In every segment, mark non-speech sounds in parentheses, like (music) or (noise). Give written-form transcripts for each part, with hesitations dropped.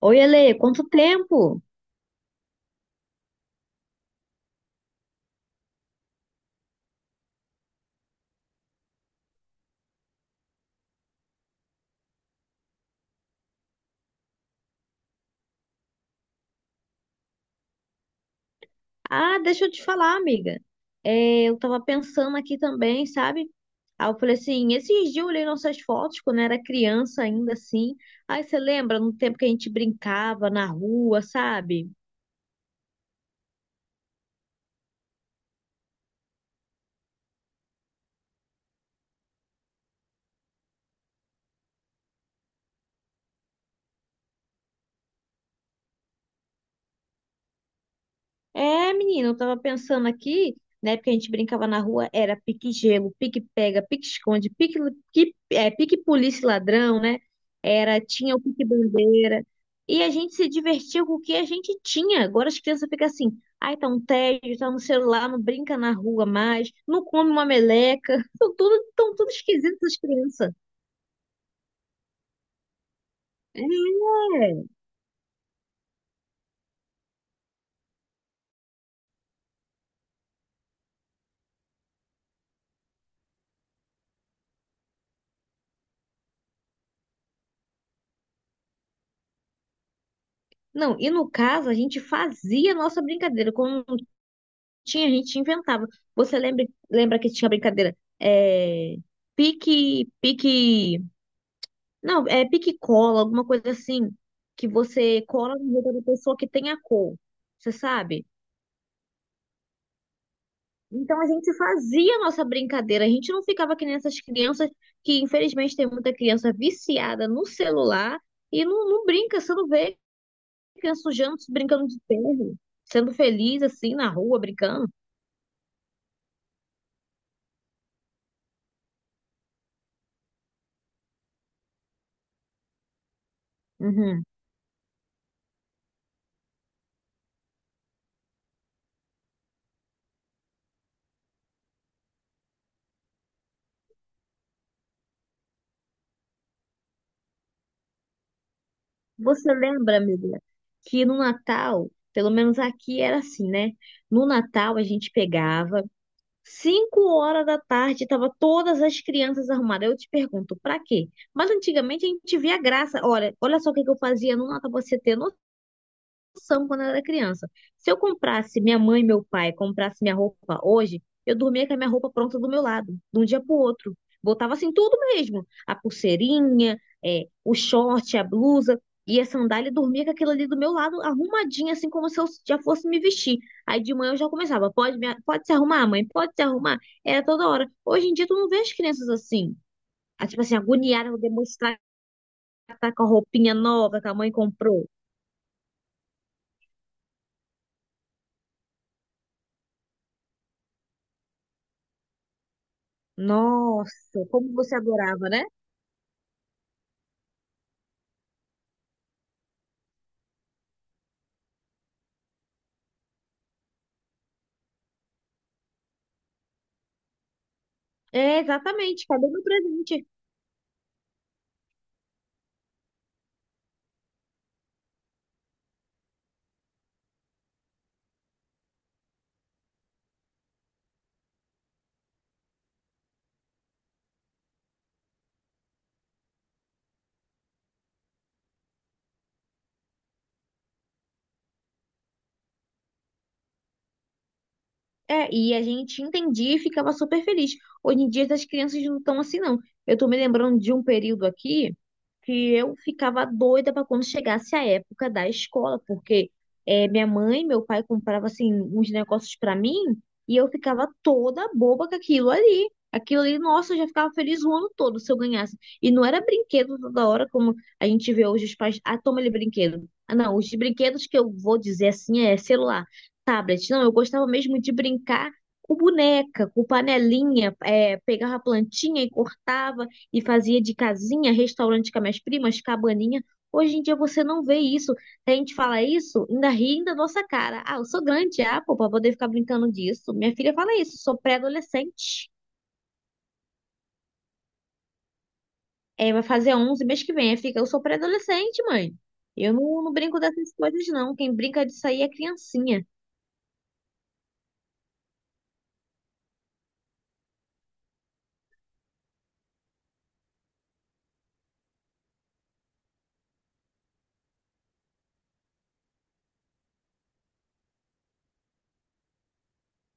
Oi, Ale, quanto tempo? Ah, deixa eu te falar, amiga. É, eu tava pensando aqui também, sabe? Aí eu falei assim, esses dias eu olhei nossas fotos quando era criança ainda assim. Aí você lembra no tempo que a gente brincava na rua, sabe? É, menino, eu tava pensando aqui, né? Porque a gente brincava na rua, era pique-gelo, pique-pega, pique-esconde, pique-polícia e ladrão, né? Era, tinha o pique-bandeira. E a gente se divertia com o que a gente tinha. Agora as crianças ficam assim, ai, tá um tédio, tá no celular, não brinca na rua mais, não come uma meleca. (laughs) Tão tudo esquisitas as crianças. É. Não, e no caso, a gente fazia a nossa brincadeira. Quando Tinha, a gente inventava. Você lembra que tinha brincadeira? É, pique. Não, é pique e cola, alguma coisa assim. Que você cola no roupa da pessoa que tem a cor. Você sabe? Então a gente fazia a nossa brincadeira. A gente não ficava que nem essas crianças, que infelizmente tem muita criança viciada no celular e não brinca. Você não vê criança sujando, brincando de terra, sendo feliz assim na rua, brincando. Uhum. Você lembra, amiga, que no Natal, pelo menos aqui era assim, né? No Natal a gente pegava, 5 horas da tarde, tava todas as crianças arrumadas. Eu te pergunto, pra quê? Mas antigamente a gente via graça. Olha, olha só o que que eu fazia no Natal, pra você ter noção quando eu era criança. Se eu comprasse, minha mãe e meu pai comprasse minha roupa hoje, eu dormia com a minha roupa pronta do meu lado, de um dia pro outro. Botava assim tudo mesmo, a pulseirinha, é, o short, a blusa e a sandália, e dormia com aquilo ali do meu lado, arrumadinha, assim como se eu já fosse me vestir. Aí de manhã eu já começava, pode se arrumar, mãe, pode se arrumar. Era toda hora. Hoje em dia tu não vê as crianças assim, ah, tipo assim, agoniadas, vou demonstrar que tá com a roupinha nova que a mãe comprou. Nossa, como você adorava, né? É, exatamente, cadê meu presente? É, e a gente entendia e ficava super feliz. Hoje em dia as crianças não estão assim, não. Eu tô me lembrando de um período aqui que eu ficava doida para quando chegasse a época da escola, porque é, minha mãe e meu pai compravam assim uns negócios para mim e eu ficava toda boba com aquilo ali. Aquilo ali, nossa, eu já ficava feliz o ano todo se eu ganhasse. E não era brinquedo toda hora, como a gente vê hoje os pais. Ah, toma ele brinquedo. Ah, não, os brinquedos que eu vou dizer assim é celular, tablet. Não, eu gostava mesmo de brincar com boneca, com panelinha, é, pegava a plantinha e cortava e fazia de casinha, restaurante com as minhas primas, cabaninha. Hoje em dia você não vê isso. A gente fala isso, ainda ri da nossa cara. Ah, eu sou grande, ah, pô, pra poder ficar brincando disso. Minha filha fala isso, sou pré-adolescente. É, vai fazer 11 mês que vem. Aí fica, eu sou pré-adolescente, mãe. Eu não brinco dessas coisas, não. Quem brinca disso aí é criancinha.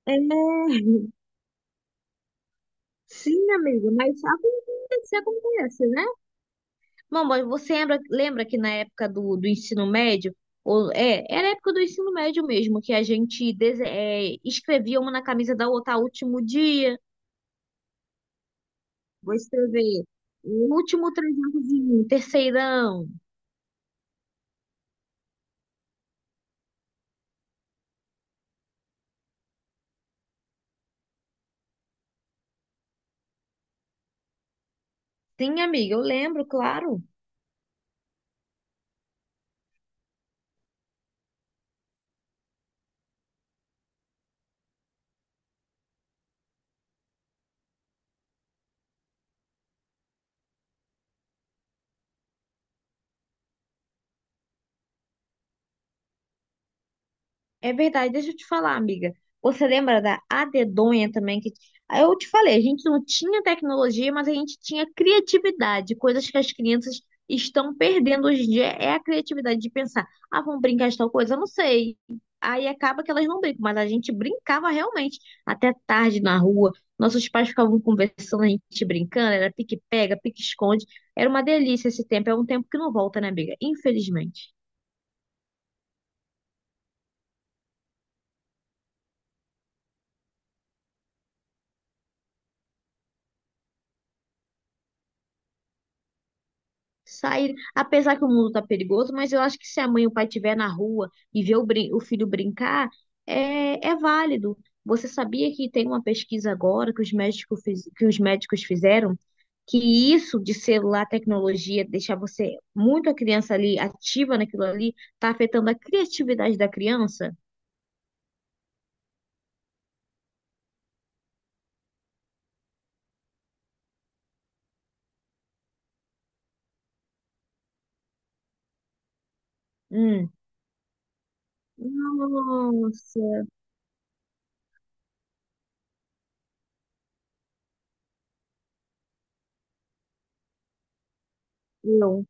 É, sim, amigo, mas acontece, acontece, né? Mamãe, você lembra que na época do ensino médio, ou, é, era a época do ensino médio mesmo, que a gente escrevia uma na camisa da outra, "Ah, último dia, vou escrever, último trezentozinho, terceirão." Sim, amiga, eu lembro, claro. É verdade, deixa eu te falar, amiga. Você lembra da adedonha também, que, ah, eu te falei, a gente não tinha tecnologia, mas a gente tinha criatividade. Coisas que as crianças estão perdendo hoje em dia é a criatividade de pensar, ah, vamos brincar de tal coisa. Eu não sei. Aí acaba que elas não brincam, mas a gente brincava realmente até tarde na rua. Nossos pais ficavam conversando, a gente brincando, era pique-pega, pique-esconde. Era uma delícia esse tempo, é um tempo que não volta, né, amiga? Infelizmente. Sair, apesar que o mundo tá perigoso, mas eu acho que se a mãe e o pai estiver na rua e ver o filho brincar, é válido. Você sabia que tem uma pesquisa agora que os médicos, que os médicos fizeram que isso de celular, tecnologia, deixar você muito a criança ali ativa naquilo ali, tá afetando a criatividade da criança? Hum. Nossa. Eu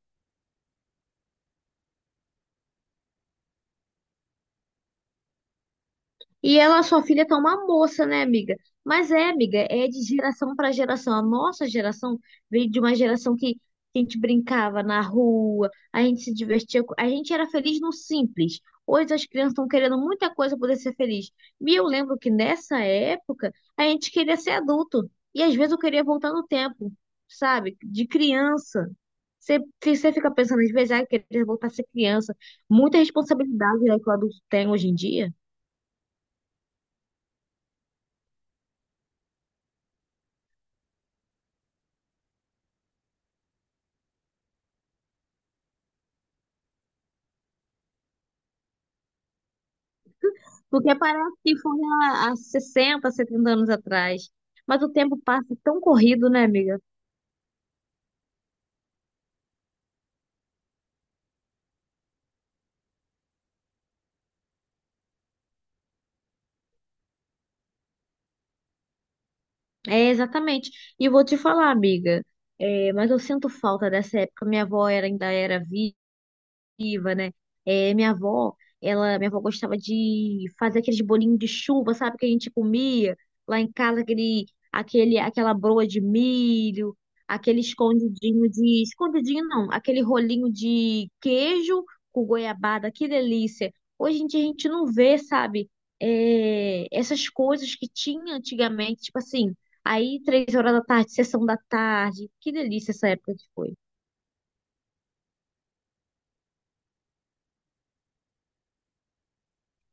E ela, sua filha, tá uma moça, né, amiga? Mas é, amiga, é de geração para geração. A nossa geração veio de uma geração que a gente brincava na rua, a gente se divertia, a gente era feliz no simples. Hoje as crianças estão querendo muita coisa para poder ser feliz. E eu lembro que nessa época a gente queria ser adulto. E às vezes eu queria voltar no tempo, sabe? De criança. Você fica pensando, às vezes, ah, eu queria voltar a ser criança. Muita responsabilidade, né, que o adulto tem hoje em dia. Porque parece que foi há 60, 70 anos atrás. Mas o tempo passa tão corrido, né, amiga? É, exatamente. E vou te falar, amiga, é, mas eu sinto falta dessa época. Minha avó ainda era viva. Criativa, né? É, minha avó gostava de fazer aqueles bolinhos de chuva, sabe, que a gente comia lá em casa, aquele, aquela broa de milho, aquele escondidinho de, escondidinho não, aquele rolinho de queijo com goiabada, que delícia. Hoje em dia a gente não vê, sabe, é, essas coisas que tinha antigamente, tipo assim, aí, 3 horas da tarde, sessão da tarde. Que delícia essa época que foi.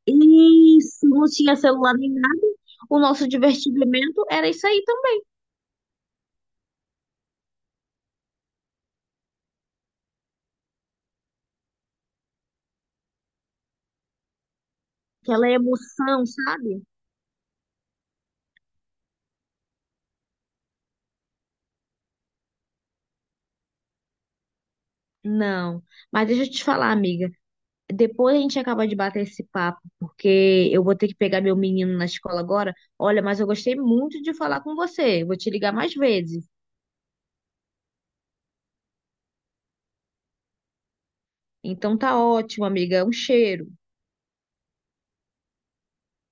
Isso, não tinha celular nem nada. O nosso divertimento era isso aí também, aquela emoção, sabe? Não, mas deixa eu te falar, amiga. Depois a gente acaba de bater esse papo, porque eu vou ter que pegar meu menino na escola agora. Olha, mas eu gostei muito de falar com você. Vou te ligar mais vezes. Então tá ótimo, amiga. Um cheiro.